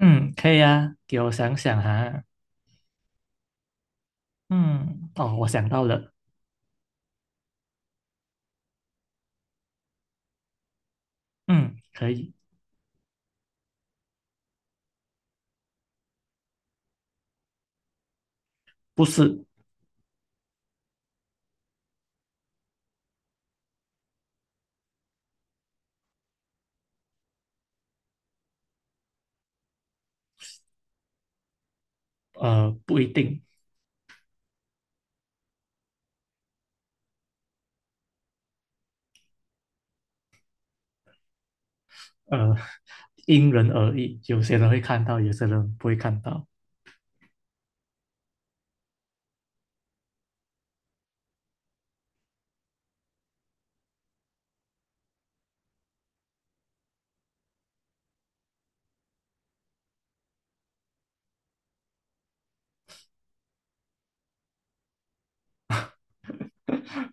嗯，可以啊，给我想想哈。嗯，哦，我想到了。嗯，可以，不是，不一定，呃，因人而异。有些人会看到，有些人不会看到，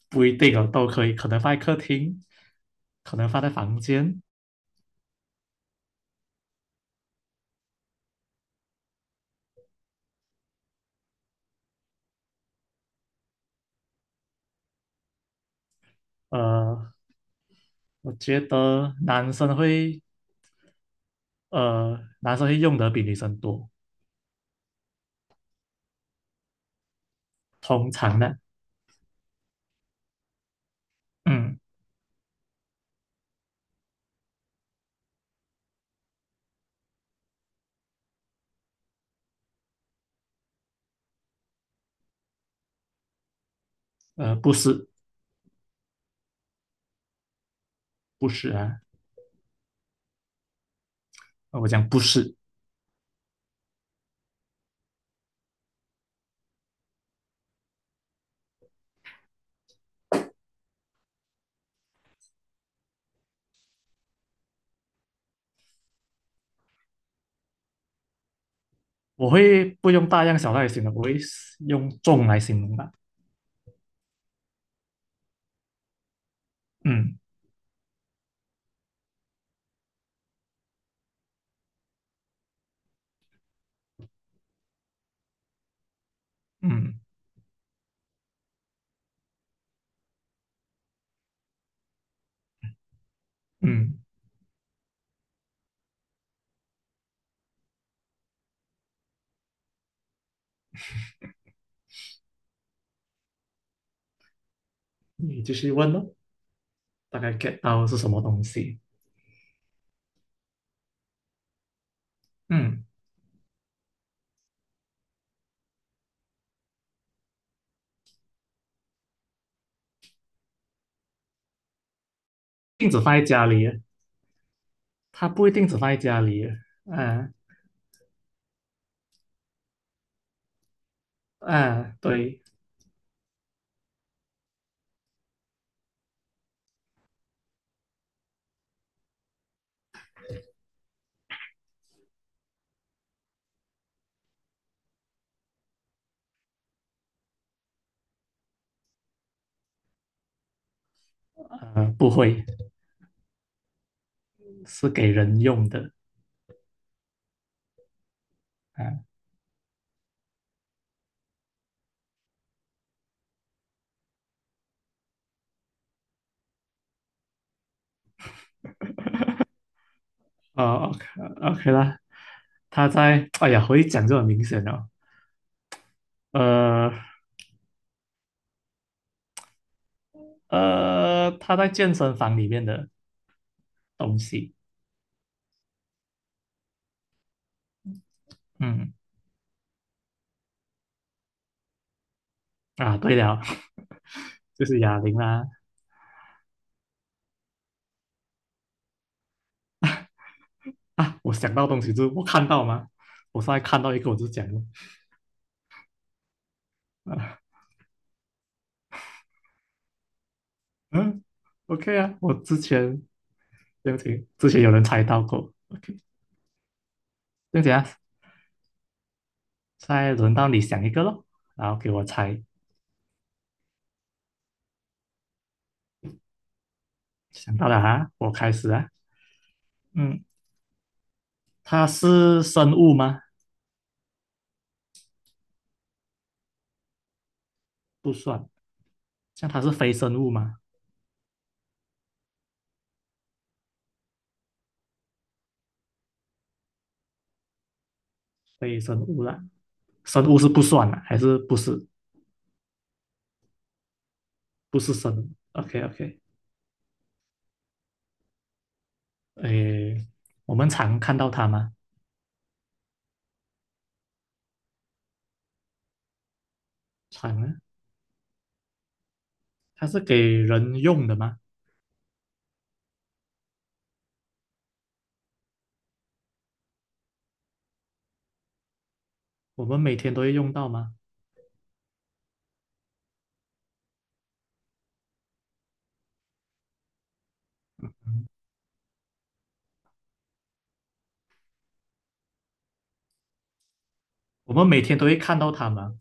不一定哦，都可以。可能放在客厅，可能放在房间。呃，我觉得男生会用的比女生多，通常呢，嗯，不是，不是啊，我讲不是，我会不用大样小样来形容，我会用重来形容吧。嗯嗯嗯，你继续问咯，大概 get 到是什么东西？嗯，镜子放在家里，它不一定只放在家里，嗯、嗯，对，不会，是给人用的，嗯、哦，OK OK 啦，哎呀，我一讲就很明显了，呃它在健身房里面的东西，嗯啊，对了，就是哑铃啦，啊，我想到东西就是我看到嘛，我上来看到一个我就讲了。啊嗯，OK 啊，我之前对不起，之前有人猜到过，OK，对不起啊，再轮到你想一个咯，然后给我猜，想到了啊，我开始啊，嗯，它是生物吗？不算，像它是非生物吗？非生物啦，生物是不算啦，还是不是？不是生物，OK OK，诶，我们常看到它吗？常啊，它是给人用的吗？我们每天都会用到吗？嗯，我们每天都会看到它吗？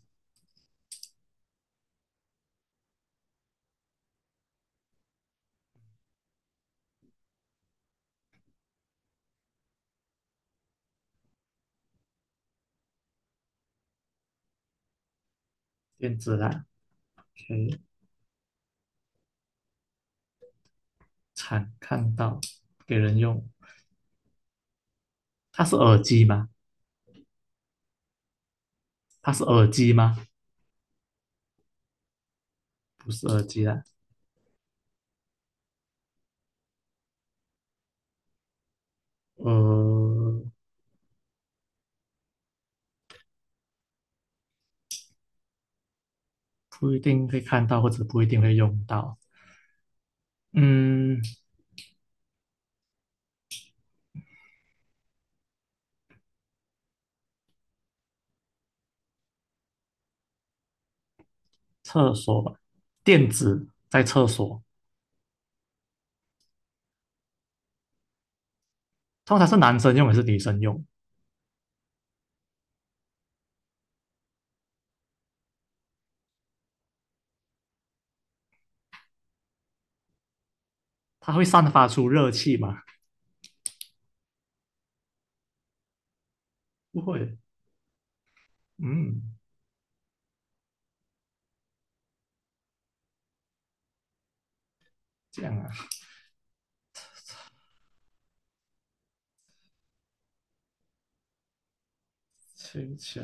电子啦，OK。常看到给人用。它是耳机吗？它是耳机吗？不是耳机啦，呃，不一定会看到，或者不一定会用到。嗯，厕所吧，垫子在厕所，通常是男生用还是女生用？它会散发出热气吗？不会。嗯，这样啊，球球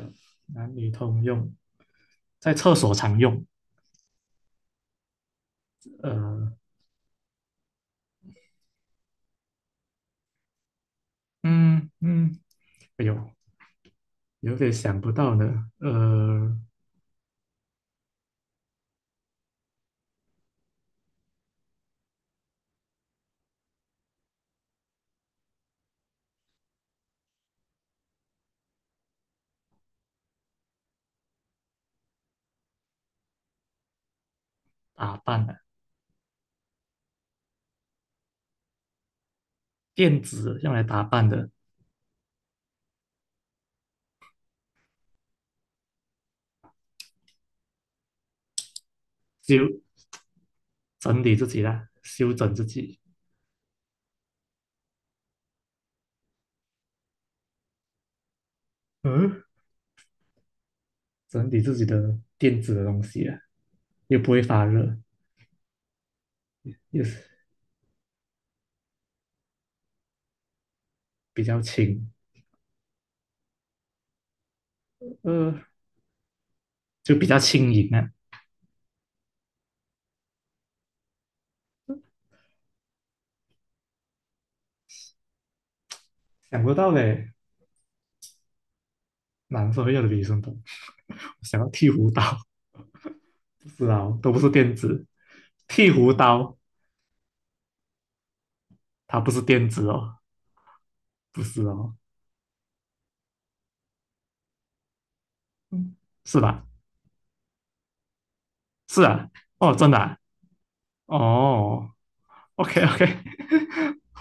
男女通用，在厕所常用。呃，嗯嗯，哎呦，有点想不到呢。打扮啊，电子用来打扮的，修整理自己啦，修整自己，嗯，整理自己的电子的东西啊，又不会发热，又是比较轻，呃，就比较轻盈啊。想不到嘞，男生会用的女生多。想要剃胡刀，不是啊，哦都不是电子，剃胡刀它不是电子哦，不是哦，嗯，是吧？是啊，哦，真的啊、哦，OK OK，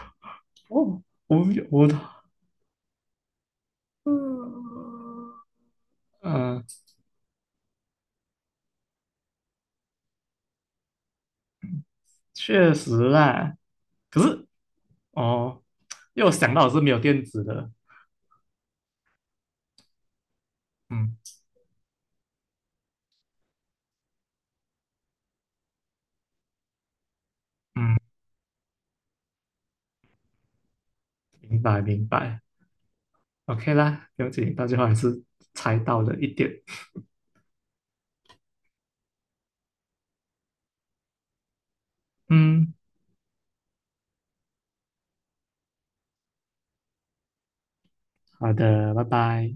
哦，我我嗯，嗯，确实啦。可是哦，因为我想到我是没有电子的，嗯嗯，明白明白，OK 啦，不用紧，到最后还是猜到了一点。嗯，好的，拜拜。